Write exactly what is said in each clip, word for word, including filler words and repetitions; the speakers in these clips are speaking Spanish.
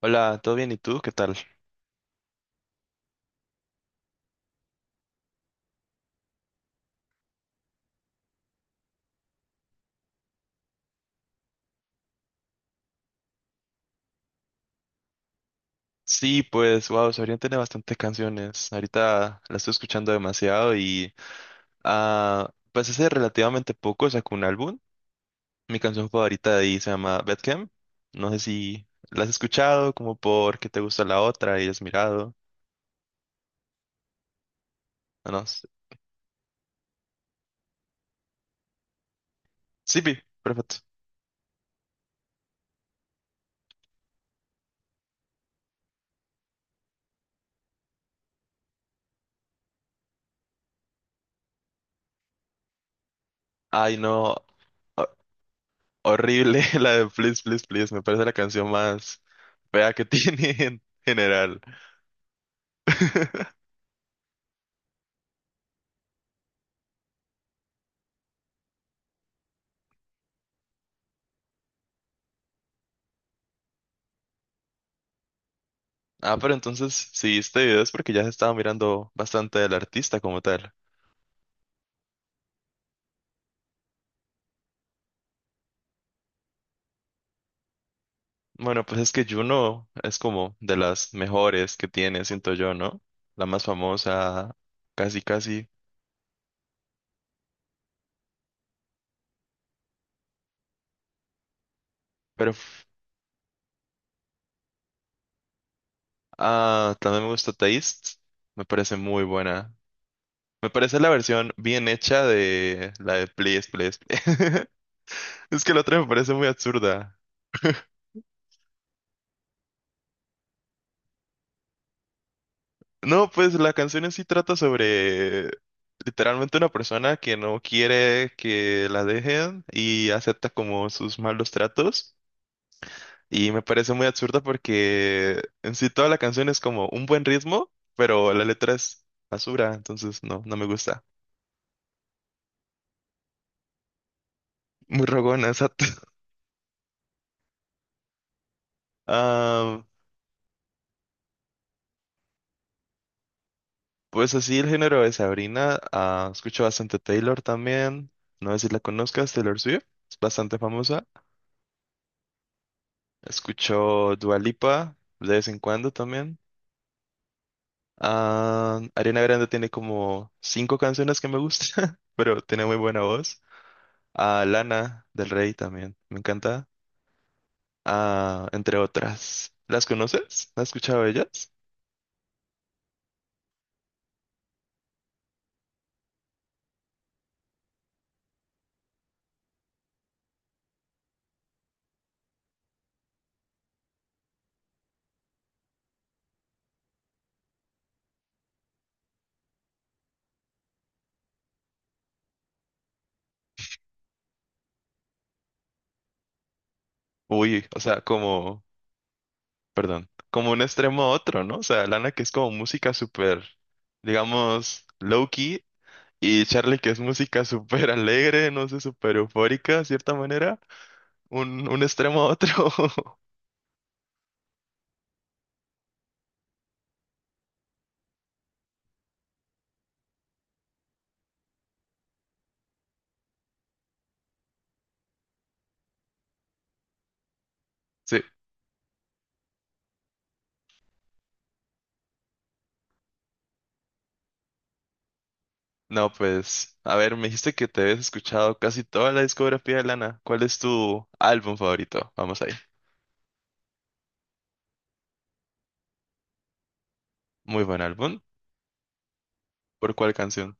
Hola, ¿todo bien? ¿Y tú? ¿Qué tal? Sí, pues, wow, Sabrián tiene bastantes canciones. Ahorita la estoy escuchando demasiado y, ah, pues hace relativamente poco sacó un álbum. Mi canción favorita de ahí se llama Bedcamp. No sé si la has escuchado, como porque te gusta la otra y has mirado. No, no. sé. Sí, pi, perfecto. Ay, no, ho- horrible la de Please, Please, Please. Me parece la canción más fea que tiene en general. Ah, pero entonces, si viste videos porque ya se estaba mirando bastante del artista como tal. Bueno, pues es que Juno es como de las mejores que tiene, siento yo, ¿no? La más famosa, casi, casi. Pero f- ah, también me gusta Taste, me parece muy buena. Me parece la versión bien hecha de la de Please, Please, Please. Es que la otra me parece muy absurda. No, pues la canción en sí trata sobre literalmente una persona que no quiere que la dejen y acepta como sus malos tratos. Y me parece muy absurda porque en sí toda la canción es como un buen ritmo, pero la letra es basura, entonces no, no me gusta. Muy rogona, exacto. Ah, pues así el género de Sabrina. Ah, escucho bastante Taylor también. No sé si la conozcas, Taylor Swift. Es bastante famosa. Escucho Dua Lipa de vez en cuando también. Ah, Ariana Grande tiene como cinco canciones que me gustan, pero tiene muy buena voz. A Lana del Rey también, me encanta. Ah, entre otras. ¿Las conoces? ¿Has escuchado ellas? Uy, o sea, como, perdón, como un extremo a otro, ¿no? O sea, Lana que es como música súper, digamos, low-key, y Charlie que es música súper alegre, no sé, súper eufórica, de cierta manera. un, un extremo a otro. Sí, no, pues, a ver, me dijiste que te habías escuchado casi toda la discografía de Lana. ¿Cuál es tu álbum favorito? Vamos ahí. Muy buen álbum. ¿Por cuál canción?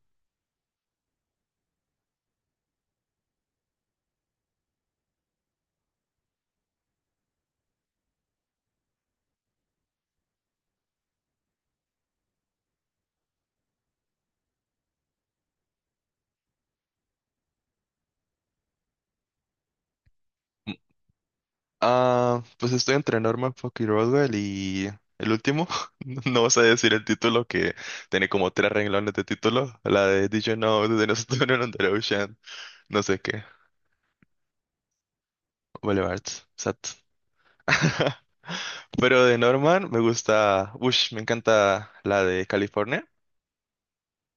Mm, ah, pues estoy entre Norman Fucking Rockwell y el último. No vas a decir el título que tiene como tres renglones de título. La de Did You Know de nosotros en the Ocean. No sé qué. Boulevard. Sat. Pero de Norman me gusta, ush, me encanta la de California.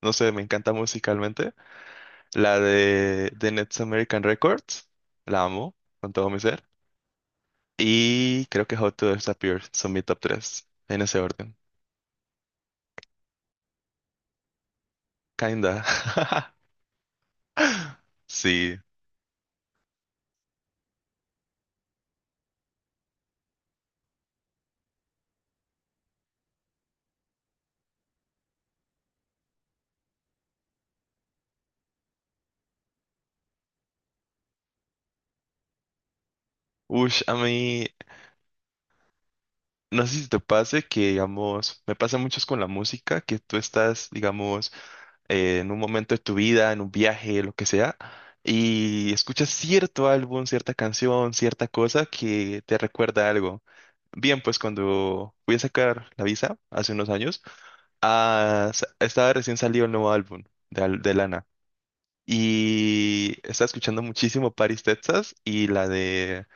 No sé, me encanta musicalmente. La de The Next American Records, la amo con todo mi ser. Y creo que How to Disappear son mi top tres, en ese orden. Kinda. Sí. Ush, a mí, no sé si te pase que, digamos, me pasa mucho con la música, que tú estás, digamos, eh, en un momento de tu vida, en un viaje, lo que sea, y escuchas cierto álbum, cierta canción, cierta cosa que te recuerda algo. Bien, pues cuando fui a sacar la visa hace unos años, ah, sa- estaba recién salido el nuevo álbum de, Al- de Lana. Y estaba escuchando muchísimo Paris, Texas y la de,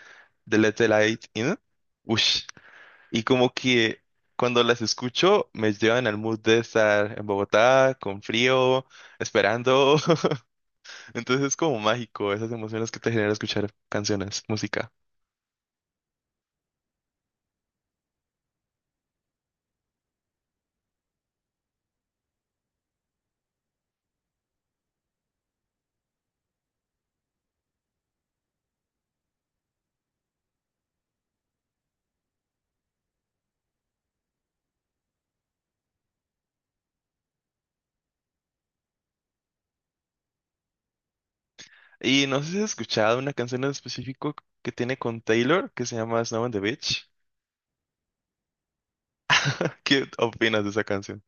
de Let the Light In. Ush. Y como que cuando las escucho me llevan al mood de estar en Bogotá con frío, esperando, entonces es como mágico esas emociones que te genera escuchar canciones, música. Y no sé si has escuchado una canción en específico que tiene con Taylor que se llama Snow on the Beach. ¿Qué opinas de esa canción?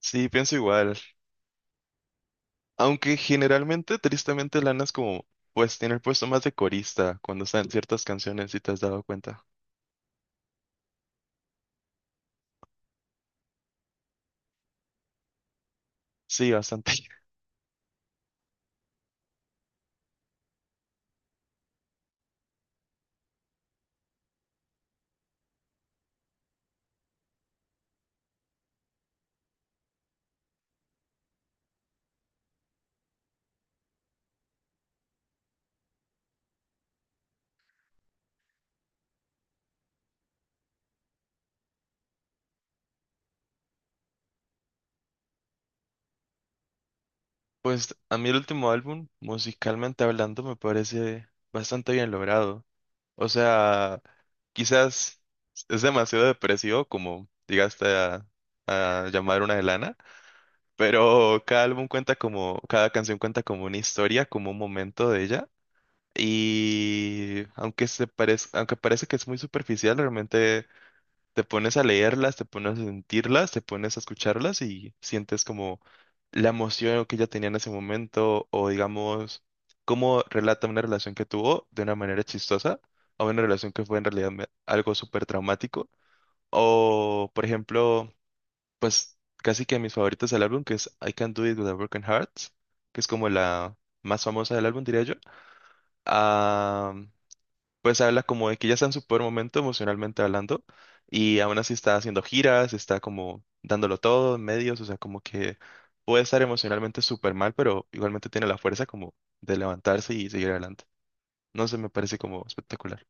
Sí, pienso igual. Aunque generalmente, tristemente, Lana es como, pues tiene el puesto más de corista cuando están ciertas canciones, si te has dado cuenta. Sí, bastante. Pues a mí el último álbum, musicalmente hablando, me parece bastante bien logrado. O sea, quizás es demasiado depresivo como llegaste a, a llamar una de Lana, pero cada álbum cuenta como, cada canción cuenta como una historia, como un momento de ella. Y aunque se parez- aunque parece que es muy superficial, realmente te pones a leerlas, te pones a sentirlas, te pones a escucharlas y sientes como la emoción que ella tenía en ese momento o digamos cómo relata una relación que tuvo de una manera chistosa a una relación que fue en realidad me- algo súper traumático. O por ejemplo, pues casi que mis favoritos del álbum que es I Can Do It With a Broken Heart, que es como la más famosa del álbum diría yo, pues habla como de que ya está en su peor momento emocionalmente hablando y aún así está haciendo giras, está como dándolo todo en medios, o sea, como que puede estar emocionalmente súper mal, pero igualmente tiene la fuerza como de levantarse y seguir adelante. No sé, me parece como espectacular.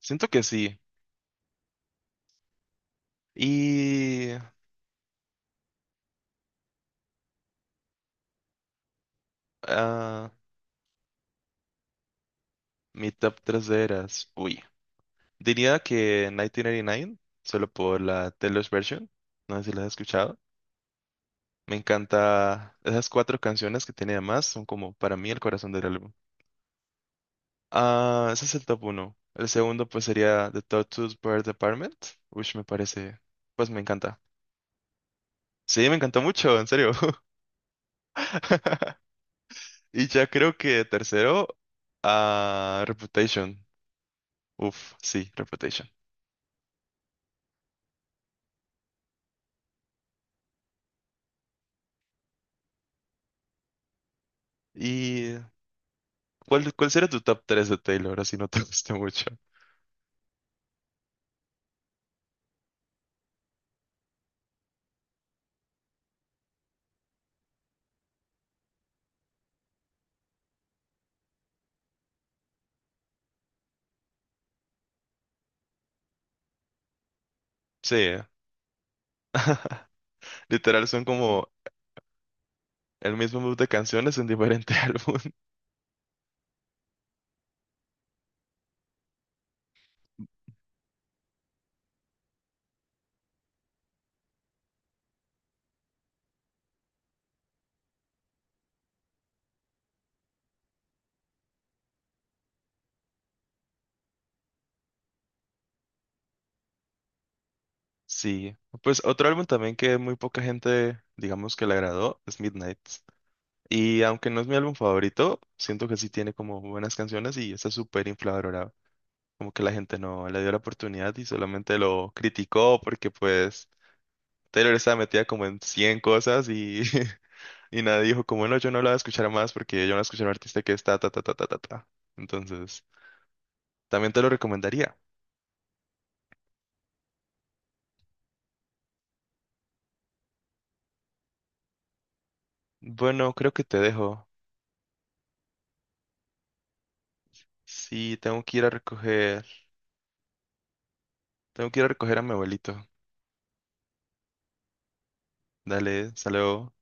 Siento que sí. Y ah, mi top tres de eras, uy, diría que mil novecientos ochenta y nueve, solo por la Taylor's version, no sé si la has escuchado. Me encanta esas cuatro canciones que tiene, además, son como para mí el corazón del álbum. Ah, ese es el top uno. El segundo pues sería The Tortoise Bird Apartment, which me parece, pues me encanta. Sí, me encantó mucho, en serio. Y ya creo que tercero, ah, Reputation. Uf, sí, Reputation. ¿Y cuál, cuál sería tu top tres de Taylor, así no te gusta mucho? Sí, eh. Literal son como el mismo mood de canciones en diferente álbum. Sí, pues otro álbum también que muy poca gente, digamos que le agradó, es Midnight. Y aunque no es mi álbum favorito, siento que sí tiene como buenas canciones y está súper infravalorado. Como que la gente no le dio la oportunidad y solamente lo criticó porque pues Taylor estaba metida como en cien cosas y, y nadie dijo como, no, yo no la voy a escuchar más porque yo no la escuché a un artista que está ta ta ta ta ta ta. Entonces, también te lo recomendaría. Bueno, creo que te dejo. Sí, tengo que ir a recoger, tengo que ir a recoger a mi abuelito. Dale, saludo.